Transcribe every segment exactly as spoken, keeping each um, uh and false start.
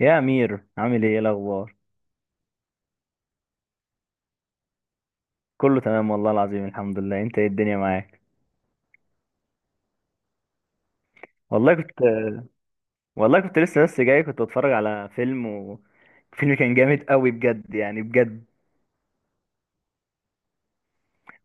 يا امير، عامل ايه، إيه الاخبار؟ كله تمام والله العظيم، الحمد لله. انت ايه، الدنيا معاك؟ والله كنت والله كنت لسه بس جاي، كنت بتفرج على فيلم، وفيلم كان جامد قوي بجد، يعني بجد.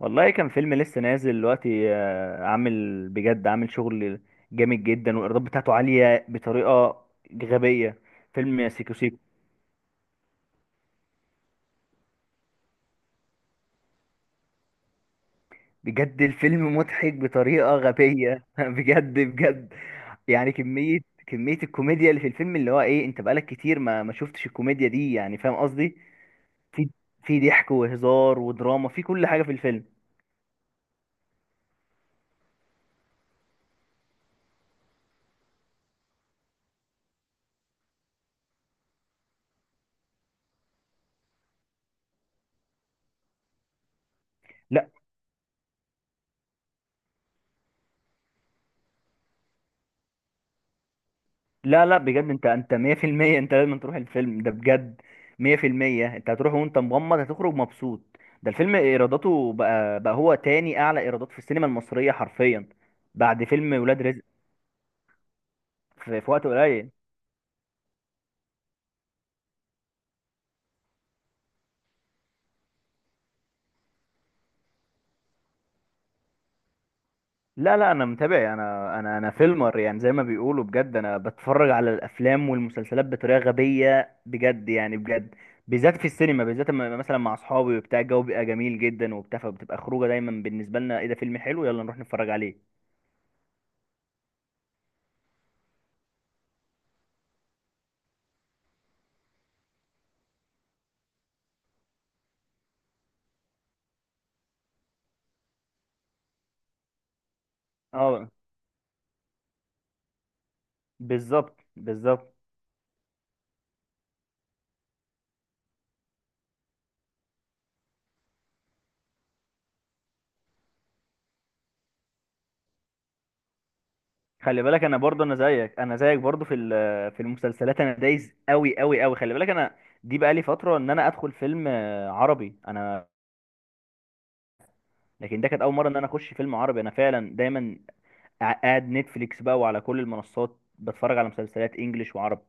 والله كان فيلم لسه نازل دلوقتي، آه، عامل بجد، عامل شغل جامد جدا، والايرادات بتاعته عالية بطريقة غبية. فيلم سيكو سيكو. بجد، الفيلم مضحك بطريقة غبية. بجد بجد. يعني كمية كمية الكوميديا اللي في الفيلم، اللي هو ايه، انت بقالك كتير ما ما شفتش الكوميديا دي، يعني فاهم قصدي؟ في في ضحك وهزار ودراما، في كل حاجة في الفيلم. لا، لا، لا، بجد، انت انت مية في المية. انت لازم تروح الفيلم ده بجد. مية في المية، انت هتروح وانت مغمض، هتخرج مبسوط. ده الفيلم ايراداته بقى بقى هو تاني اعلى ايرادات في السينما المصرية حرفيا، بعد فيلم ولاد رزق. في, في وقت قليل. لا، لا، انا متابع. انا انا انا فيلمر يعني، زي ما بيقولوا، بجد. انا بتفرج على الافلام والمسلسلات بطريقه غبيه، بجد يعني، بجد. بالذات في السينما، بالذات، لما- مثلا مع اصحابي وبتاع، الجو بيبقى جميل جدا وبتاع، فبتبقى خروجه دايما بالنسبه لنا ايه، ده فيلم حلو يلا نروح نتفرج عليه. اه، بالظبط بالظبط. خلي بالك، انا برضه، انا زيك انا زيك برضه، في ال- في المسلسلات انا دايس قوي قوي قوي. خلي بالك، انا دي بقالي فتره ان انا ادخل فيلم آه، عربي، انا. لكن ده كانت اول مره ان انا اخش فيلم عربي. انا فعلا دايما قاعد نتفليكس بقى، وعلى كل المنصات بتفرج على مسلسلات انجليش وعربي.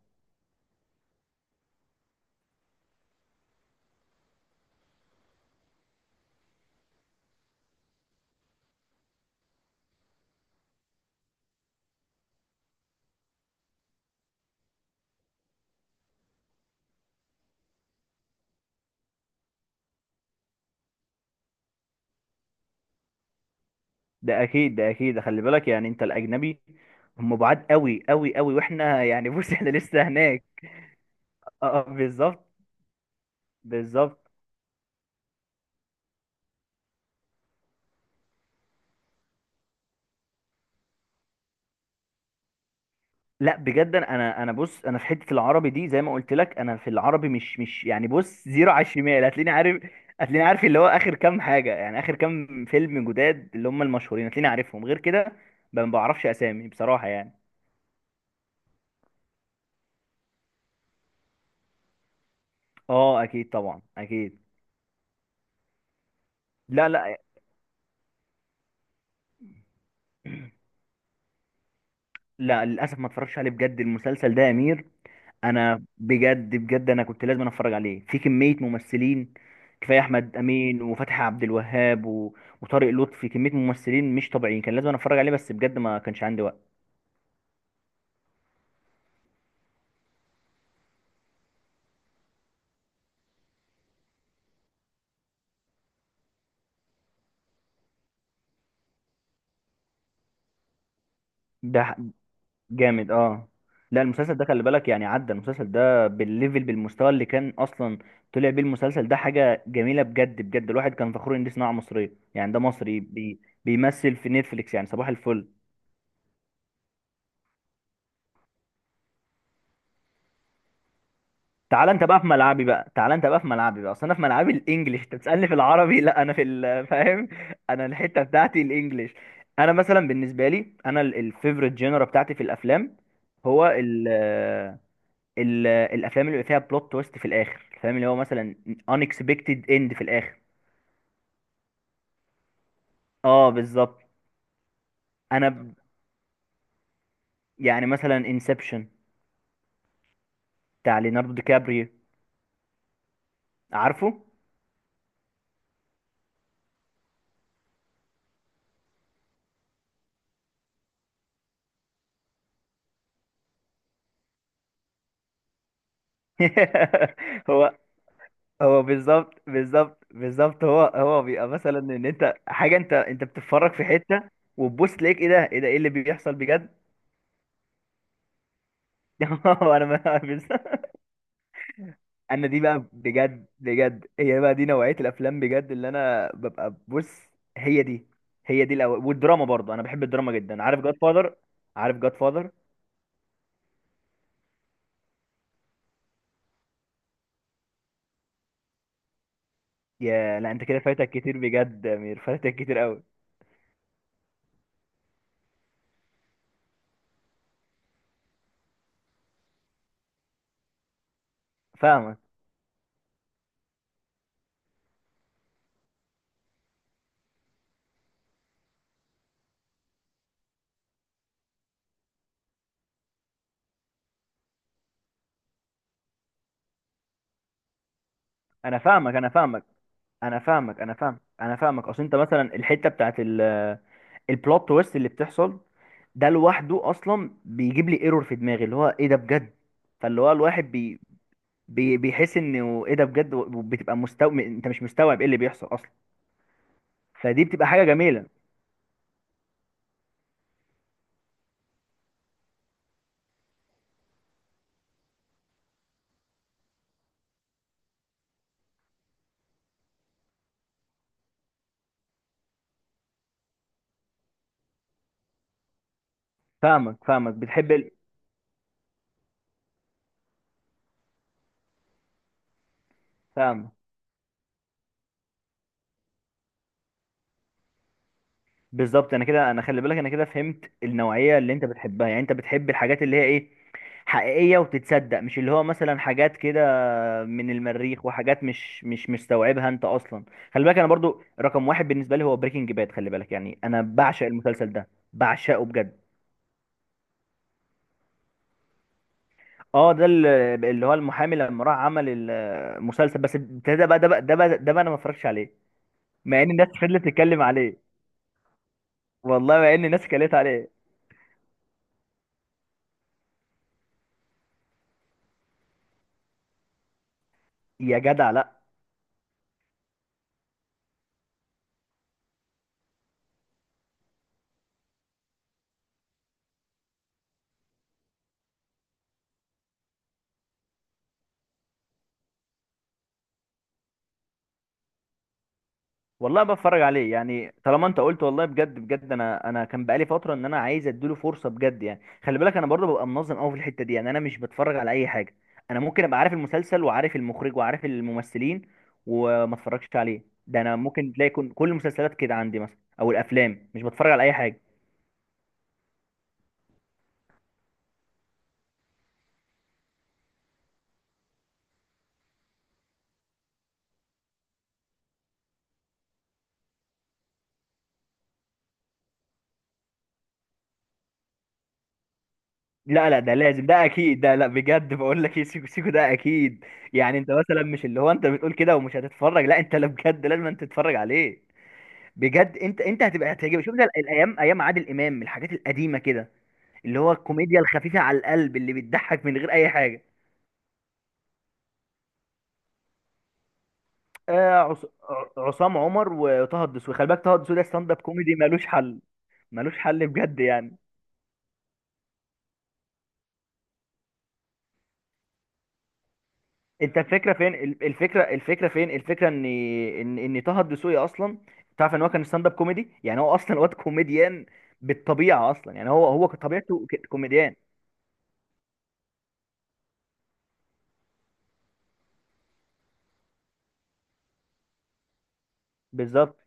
ده اكيد، ده اكيد، خلي بالك يعني. انت، الاجنبي هم بعاد قوي قوي قوي، واحنا يعني بص، احنا لسه هناك. اه، آه، بالظبط. بالظبط. لا بجد، انا انا بص، انا في حته العربي دي زي ما قلت لك، انا في العربي مش مش يعني بص، زيرو على الشمال. هتلاقيني عارف، هتلاقيني عارف اللي هو اخر كام حاجه يعني، اخر كام فيلم جداد اللي هم المشهورين، هتلاقيني عارفهم. غير كده ما بعرفش اسامي بصراحه يعني. اه، اكيد طبعا، اكيد. لا، لا، لا، للاسف ما اتفرجش عليه بجد، المسلسل ده يا امير. انا بجد بجد، انا كنت لازم اتفرج عليه، في كميه ممثلين، كفايه احمد امين وفتحي عبد الوهاب و وطارق لطفي، كميه ممثلين مش طبيعيين، كان لازم أنا اتفرج عليه، بس بجد ما كانش عندي وقت. ده ح- جامد، اه. لا، المسلسل ده خلي بالك يعني، عدى المسلسل ده بالليفل، بالمستوى اللي كان اصلا طلع بيه المسلسل ده، حاجه جميله بجد بجد. الواحد كان فخور ان دي صناعه مصريه يعني، ده مصري بي... بيمثل في نتفليكس، يعني صباح الفل. تعالى انت بقى في ملعبي بقى، تعالى انت بقى في ملعبي بقى. اصل انا في ملعبي الانجليش، انت بتسالني في العربي. لا، انا في ال- فاهم؟ انا الحته بتاعتي الانجليش. انا مثلا بالنسبه لي، انا الفيفوريت جينرا بتاعتي في الافلام هو ال ال الافلام اللي بيبقى فيها بلوت تويست في الاخر، الفيلم اللي هو مثلا unexpected end في الاخر. اه، بالظبط. انا ب- يعني مثلا انسبشن، بتاع ليوناردو دي كابريو، عارفه؟ هو هو بالظبط بالظبط بالظبط، هو هو بيبقى مثلا ان انت حاجه، انت انت بتتفرج في حته، وتبص تلاقيك: ايه ده، ايه ده، ايه اللي بيحصل بجد؟ انا ما بالظبط. انا دي بقى بجد بجد، هي بقى دي نوعيه الافلام بجد اللي انا ببقى بص. هي دي هي دي الأو... والدراما برضه، انا بحب الدراما جدا. عارف جاد فاذر؟ عارف جاد فاذر؟ يا لا، انت كده فايتك كتير بجد يا امير، فايتك كتير قوي. فاهمك، انا فاهمك، انا فاهمك، انا فاهمك، انا فاهمك، انا فاهمك اصل انت مثلا الحته بتاعت ال البلوت تويست اللي بتحصل، ده لوحده اصلا بيجيب لي ايرور في دماغي، اللي هو ايه ده بجد. فاللي هو الواحد بي بي بيحس انه ايه ده بجد، وبتبقى مستوعب، انت مش مستوعب ايه اللي بيحصل اصلا. فدي بتبقى حاجه جميله. فاهمك، فاهمك، بتحب ال... فاهمك. بالظبط. انا كده انا خلي بالك، انا كده فهمت النوعيه اللي انت بتحبها يعني. انت بتحب الحاجات اللي هي ايه، حقيقيه وتتصدق، مش اللي هو مثلا حاجات كده من المريخ وحاجات مش مش مستوعبها انت اصلا. خلي بالك، انا برضو رقم واحد بالنسبه لي هو بريكنج باد. خلي بالك يعني، انا بعشق المسلسل ده، بعشقه بجد. اه، ده ال- اللي هو المحامي لما راح عمل المسلسل، بس ده بقى ده بقى ده بقى ده بقى انا ما اتفرجتش عليه، مع ان الناس فضلت تتكلم عليه، والله مع ان الناس اتكلمت عليه. يا جدع لا، والله بتفرج عليه يعني، طالما انت قلت. والله بجد بجد، انا انا كان بقالي فتره ان انا عايز اديله فرصه بجد يعني. خلي بالك، انا برضه ببقى منظم قوي في الحته دي يعني، انا مش بتفرج على اي حاجه. انا ممكن ابقى عارف المسلسل وعارف المخرج وعارف الممثلين وما اتفرجش عليه. ده انا ممكن تلاقي كل كل المسلسلات كده عندي مثلا، او الافلام، مش بتفرج على اي حاجه. لا، لا، ده لازم، ده اكيد، ده لا بجد بقول لك ايه، سيكو سيكو ده اكيد. يعني انت مثلا مش اللي هو انت بتقول كده ومش هتتفرج، لا انت، لا بجد لازم انت تتفرج عليه. بجد، انت انت هتبقى هتعجبك. شوف، ده الايام، ايام عادل امام، الحاجات القديمه كده، اللي هو الكوميديا الخفيفه على القلب، اللي بتضحك من غير اي حاجه. آه عص... ع- عصام عمر وطه الدسوقي. خلي بالك، طه الدسوقي ده ستاند اب كوميدي ملوش حل. ملوش حل بجد يعني. انت، الفكره فين ال- الفكره الفكره فين الفكره ان ان ان طه الدسوقي اصلا، تعرف ان هو كان ستاند اب كوميدي، يعني هو اصلا واد كوميديان بالطبيعه اصلا، يعني هو هو طبيعته ك- كوميديان. بالظبط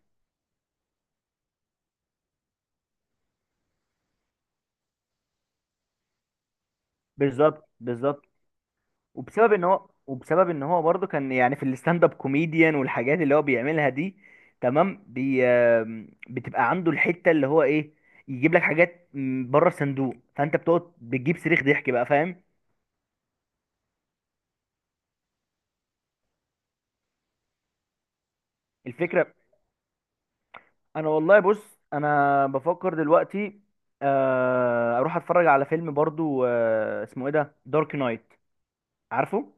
بالظبط بالظبط. وبسبب ان هو وبسبب ان هو برضه كان يعني في الستاند اب كوميديان والحاجات اللي هو بيعملها دي، تمام. بي آم، بتبقى عنده الحته اللي هو ايه، يجيب لك حاجات م، بره الصندوق، فانت بتقعد بتجيب صريخ ضحك بقى، فاهم؟ الفكره، انا والله بص، انا بفكر دلوقتي آه، اروح اتفرج على فيلم برضه، آه، اسمه ايه، ده دارك نايت، عارفه؟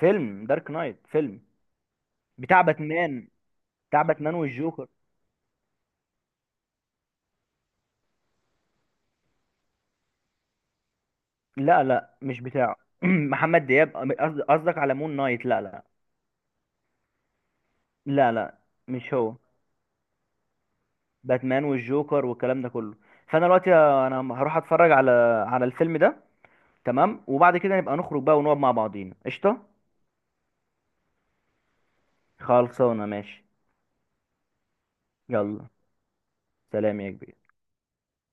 فيلم دارك نايت، فيلم بتاع باتمان. بتاع باتمان والجوكر. لا، لا، مش بتاعه. محمد دياب، قصد- قصدك على مون نايت؟ لا، لا، لا، لا، مش هو. باتمان والجوكر والكلام ده كله. فانا دلوقتي، انا هروح اتفرج على على الفيلم ده، تمام. وبعد كده نبقى نخرج بقى، ونقعد مع بعضينا، قشطه. خلصانه ماشي، يلا سلام يا كبير.